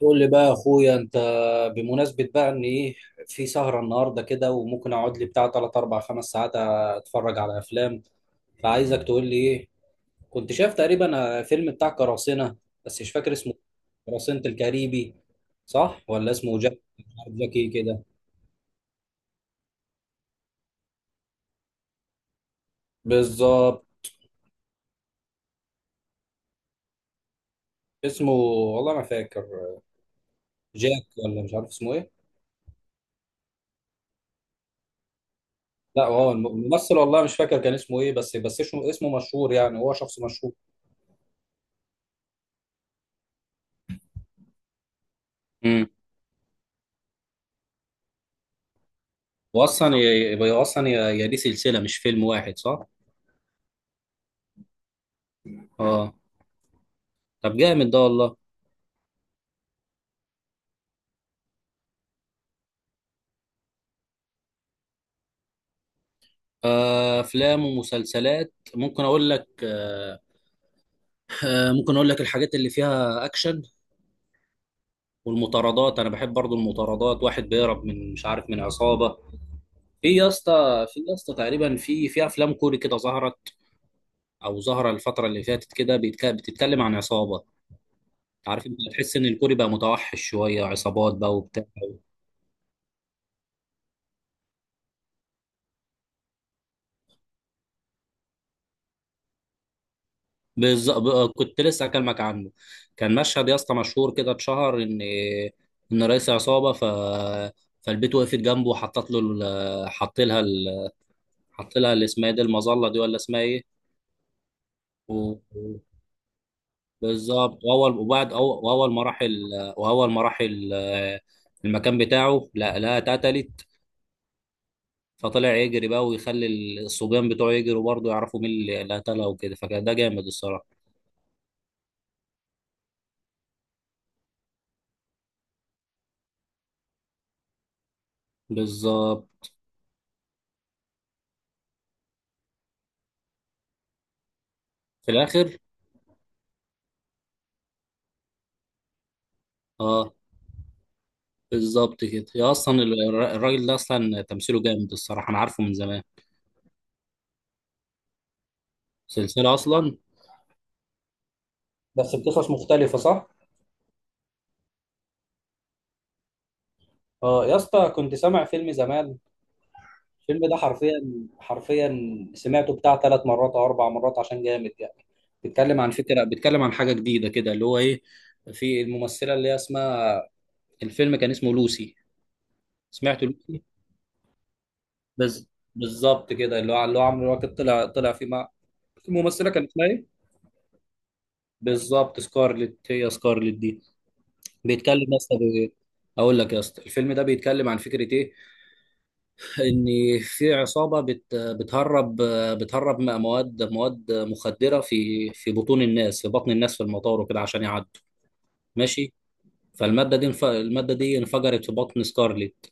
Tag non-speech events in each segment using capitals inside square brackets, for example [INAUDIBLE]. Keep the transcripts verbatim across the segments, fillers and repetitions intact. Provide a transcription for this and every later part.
قول لي بقى يا اخويا انت، بمناسبة بقى ان ايه، في سهرة النهاردة كده وممكن اقعد لي بتاع تلاتة اربعة خمس ساعات اتفرج على افلام. فعايزك تقول لي ايه. كنت شايف تقريبا فيلم بتاع قراصنة بس مش فاكر اسمه. قراصنة الكاريبي، صح؟ ولا اسمه جاك؟ جاكي كده؟ بالظبط. اسمه والله ما فاكر. جاك، ولا مش عارف اسمه ايه. لا، هو الممثل والله مش فاكر كان اسمه ايه، بس بس اسمه اسمه مشهور، يعني هو شخص مشهور. واصلا ي- يبقى اصلا ي- يا دي سلسله مش فيلم واحد، صح؟ اه. طب جامد ده والله. آه، افلام ومسلسلات ممكن اقول لك. آه، آه، ممكن اقول لك الحاجات اللي فيها اكشن والمطاردات. انا بحب برضو المطاردات، واحد بيهرب من مش عارف من عصابه. في يا اسطى، في يا اسطى تقريبا في في افلام كوري كده ظهرت، او ظهر الفتره اللي فاتت كده، بيتك- بتتكلم عن عصابه. عارف، انت تحس ان الكوري بقى متوحش شويه، عصابات بقى وبتاع. بالظبط، كنت لسه هكلمك عنه. كان مشهد يا اسطى مشهور كده، اتشهر ان ان رئيس عصابه ف فالبيت، وقفت جنبه وحطت له ال- حط لها ال- حط لها اللي اسمها إيه دي، المظله دي، ولا اسمها ايه؟ و... بالظبط، واول وبعد أو... واول ما راح ال... واول ما راح ال... المكان بتاعه، لا لا اتقتلت. فطلع يجري بقى ويخلي الصبيان بتوعه يجروا برضه، يعرفوا مين اللي اللي قتلها وكده، فكان ده جامد الصراحه. بالظبط. في الاخر. اه بالظبط كده يا، اصلا الر- الراجل ده اصلا تمثيله جامد الصراحه، انا عارفه من زمان. سلسله اصلا، بس بقصص مختلفة، صح؟ اه يا اسطى، كنت سامع فيلم زمان. الفيلم ده حرفيا، حرفيا سمعته بتاع ثلاث مرات او اربع مرات عشان جامد يعني. بيتكلم عن فكرة، بيتكلم عن حاجة جديدة كده، اللي هو ايه، في الممثلة اللي هي اسمها، الفيلم كان اسمه لوسي. سمعت لوسي. بز... بالظبط كده، اللي هو اللي هو عمرو واكد طلع طلع فيه مع الممثلة، كان اسمها ايه؟ بالظبط، سكارلت، هي سكارلت دي. بيتكلم يا اسطى، بي- اقول لك يا اسطى، الفيلم ده بيتكلم عن فكره ايه، [LAUGHS] ان في عصابه بت بتهرب، بتهرب م- مواد مواد مخدره في في بطون الناس، في بطن الناس في المطار وكده عشان يعدوا. ماشي. فالماده دي انف... الماده دي انفجرت في بطن سكارليت.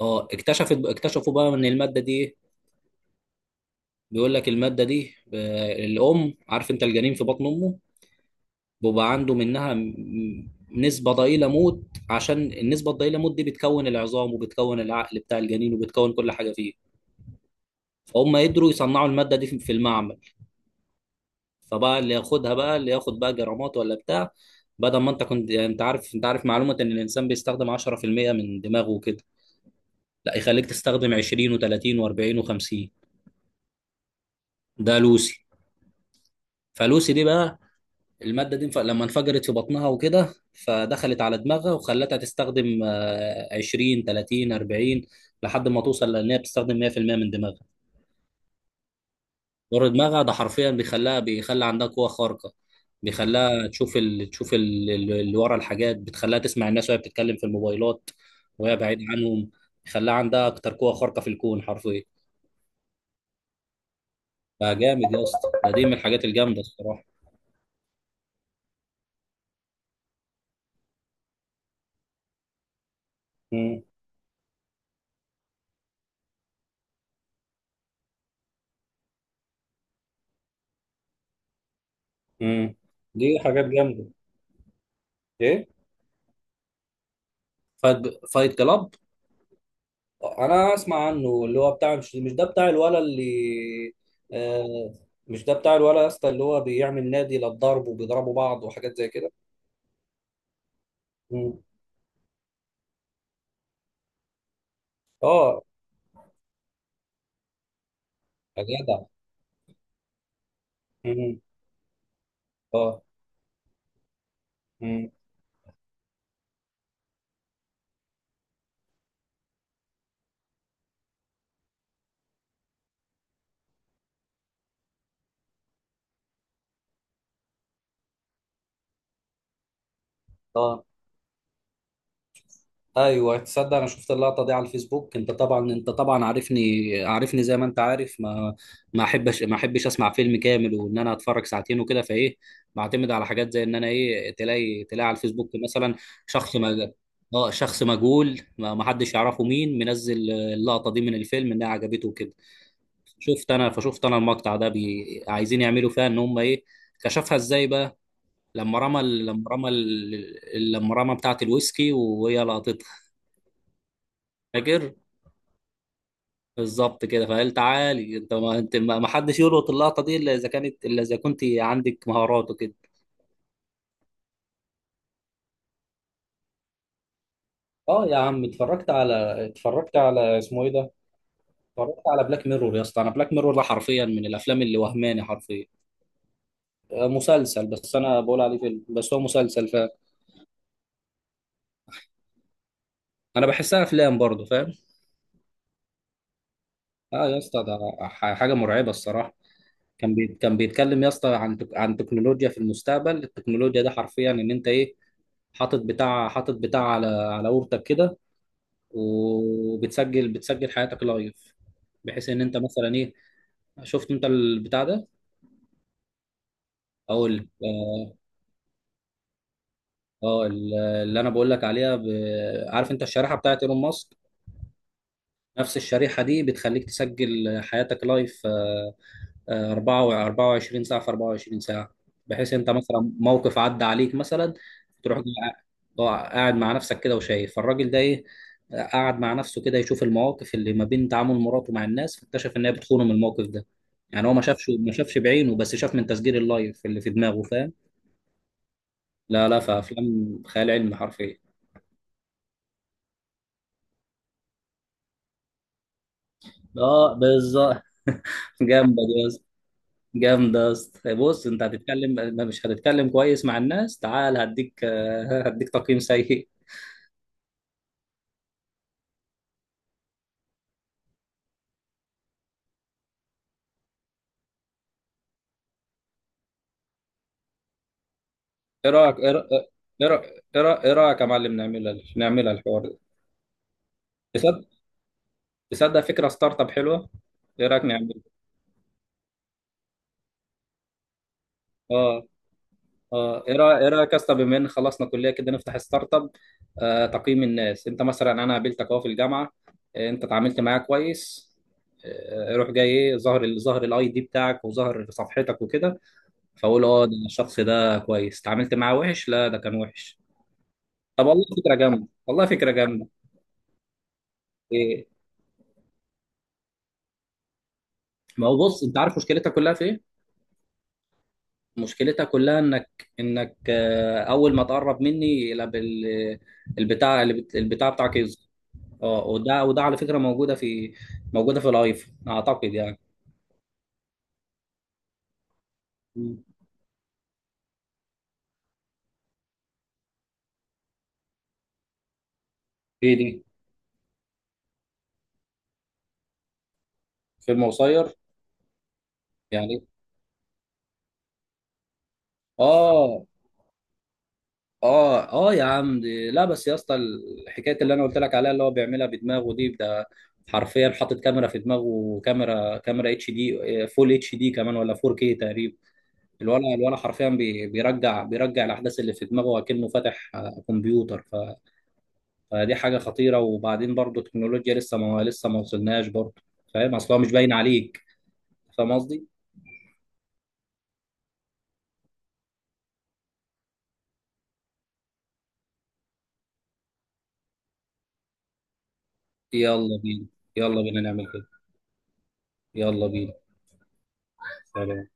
اه، اكتشفت اكتشفوا بقى ان الماده دي إيه؟ بيقول لك الماده دي، آه، الام عارف، انت الجنين في بطن امه بيبقى عنده منها م- نسبة ضئيلة موت. عشان النسبة الضئيلة موت دي بتكون العظام وبتكون العقل بتاع الجنين وبتكون كل حاجة فيه. فهم قدروا يصنعوا المادة دي في في المعمل. فبقى اللي ياخدها بقى، اللي ياخد بقى جرامات ولا بتاع، بدل ما انت كنت، يعني، انت عارف انت عارف معلومة ان الانسان بيستخدم عشرة في المية من دماغه وكده، لا يخليك تستخدم عشرين وتلاتين واربعين وخمسين. ده لوسي. فلوسي دي بقى، المادة دي انف- لما انفجرت في بطنها وكده، فدخلت على دماغها وخلتها تستخدم آه، عشرين تلاتين اربعين لحد ما توصل لان هي بتستخدم مية في المية من دماغها. دور دماغها ده حرفيا بيخليها، بيخلي عندها قوة خارقة. بيخليها تشوف ال... تشوف ال... ال- اللي ورا الحاجات، بتخليها تسمع الناس وهي بتتكلم في الموبايلات وهي بعيد عنهم. بيخليها عندها اكتر قوة خارقة في الكون حرفيا. فجامد يا اسطى ده، دي من الحاجات الجامدة الصراحة. مم. مم. دي حاجات جامدة. ايه. فايت فايت كلاب. انا اسمع عنه، اللي هو بتاع مش مش ده بتاع الولا اللي. آه. مش ده بتاع الولا يا اسطى، اللي هو بيعمل نادي للضرب وبيضربوا بعض وحاجات زي كده. مم. اه. يا جدع. مم. اه. مم. اه. ايوه، تصدق انا شفت اللقطه دي على الفيسبوك. انت طبعا انت طبعا عارفني عارفني زي ما انت عارف، ما ما احبش ما احبش اسمع فيلم كامل وان انا اتفرج ساعتين وكده، فايه بعتمد على حاجات زي ان انا ايه، تلاقي تلاقي على الفيسبوك مثلا شخص ما. اه، شخص مجهول، ما ما حدش يعرفه، مين منزل اللقطه دي من الفيلم انها عجبته وكده. شفت انا فشفت انا المقطع ده، بي... عايزين يعملوا فيها ان هم ايه، كشفها ازاي بقى، لما رمى ال- لما رمى ال- لما رمى بتاعه الويسكي وهي لقطتها، فاكر؟ بالظبط كده. فقال: تعالي انت، ما انت ما ما حدش يلقط اللقطه دي الا اذا كانت الا اذا كنت عندك مهارات وكده. اه يا عم، اتفرجت على اتفرجت على اسمه ايه ده، اتفرجت على بلاك ميرور يا اسطى. انا بلاك ميرور ده حرفيا من الافلام اللي وهماني حرفيا. آه، مسلسل بس انا بقول عليه فيلم، بس هو مسلسل. فانا بحسها افلام برضه، فاهم؟ اه يا اسطى ده، ح- حاجه مرعبه الصراحه. كان بي... كان بيتكلم يا اسطى عن تك... عن تكنولوجيا في المستقبل. التكنولوجيا ده حرفيا ان انت ايه، حاطط بتاع حاطط بتاع على على اورتك كده، وبتسجل بتسجل حياتك لايف، بحيث ان انت مثلا ايه. شفت انت البتاع ده؟ او ال- اه، آه، ال- اللي انا بقول لك عليها، ب... عارف انت الشريحه بتاعت ايلون ماسك؟ نفس الشريحه دي بتخليك تسجل حياتك لايف، آه، أربعة اربعة وعشرين ساعة في اربعة وعشرين ساعة، بحيث أنت مثلا موقف عدى عليك مثلا، تروح جاي قاع- قاعد مع نفسك كده وشايف. فالراجل ده إيه، آه، قاعد مع نفسه كده يشوف المواقف اللي ما بين تعامل مراته مع الناس، فاكتشف إن هي بتخونه من الموقف ده. يعني هو ما شافش ما شافش بعينه، بس شاف من تسجيل اللايف اللي في دماغه، فاهم؟ لا لا، فأفلام خيال علمي حرفيا. اه بالظبط [LAUGHS] جامدة دي. جامدة يا اسطى. بص، انت هتتكلم ما مش هتتكلم كويس مع الناس، تعال هديك، آه، هديك تقييم سيء. ايه رايك ايه رأ- إيه رأ- إيه رأ- إيه رايك يا معلم، نعملها نعملها الحوار ده؟ تصدق تصدق فكرة ستارت اب حلوة. ايه رايك نعمل. اه. اه. ايه رايك ايه رايك يا اسطى، بما ان خلصنا كلية كده نفتح ستارت اب، آه تقييم الناس. انت مثلا، انا قابلتك اهو في الجامعة، آه، انت اتعاملت معايا كويس، آه، روح جاي ايه، ظهر ظهر الاي دي بتاعك وظهر صفحتك وكده، فاقول: اه ده الشخص ده كويس اتعاملت معاه، وحش لا ده كان وحش. طب والله فكره جامده، والله فكره جامده. إيه. ما هو بص، انت عارف مشكلتها كلها في ايه؟ مشكلتها كلها انك انك آه، اول ما تقرب مني، لا بال- البتاع اللي بت- البتاع بتاعك يظهر. اه، وده وده على فكره موجوده في موجوده في الايفون اعتقد يعني. مم. ايه دي، فيلم قصير يعني. اه اه اه يا عم دي، لا بس يا اسطى، الحكايه اللي انا قلت لك عليها اللي هو بيعملها بدماغه دي، ده حرفيا حاطط كاميرا في دماغه، وكاميرا كاميرا اتش دي فول اتش دي كمان، ولا 4 كي تقريبا. الولا الولا حرفيا بي- بيرجع بيرجع الاحداث اللي في دماغه، اكنه فاتح آه، كمبيوتر ف- فدي حاجه خطيره. وبعدين برضه التكنولوجيا لسه ما لسه ما وصلناش برضه، فاهم اصلها مش باين عليك، فاهم قصدي؟ يلا بينا، يلا بينا نعمل كده، يلا بينا. سلام.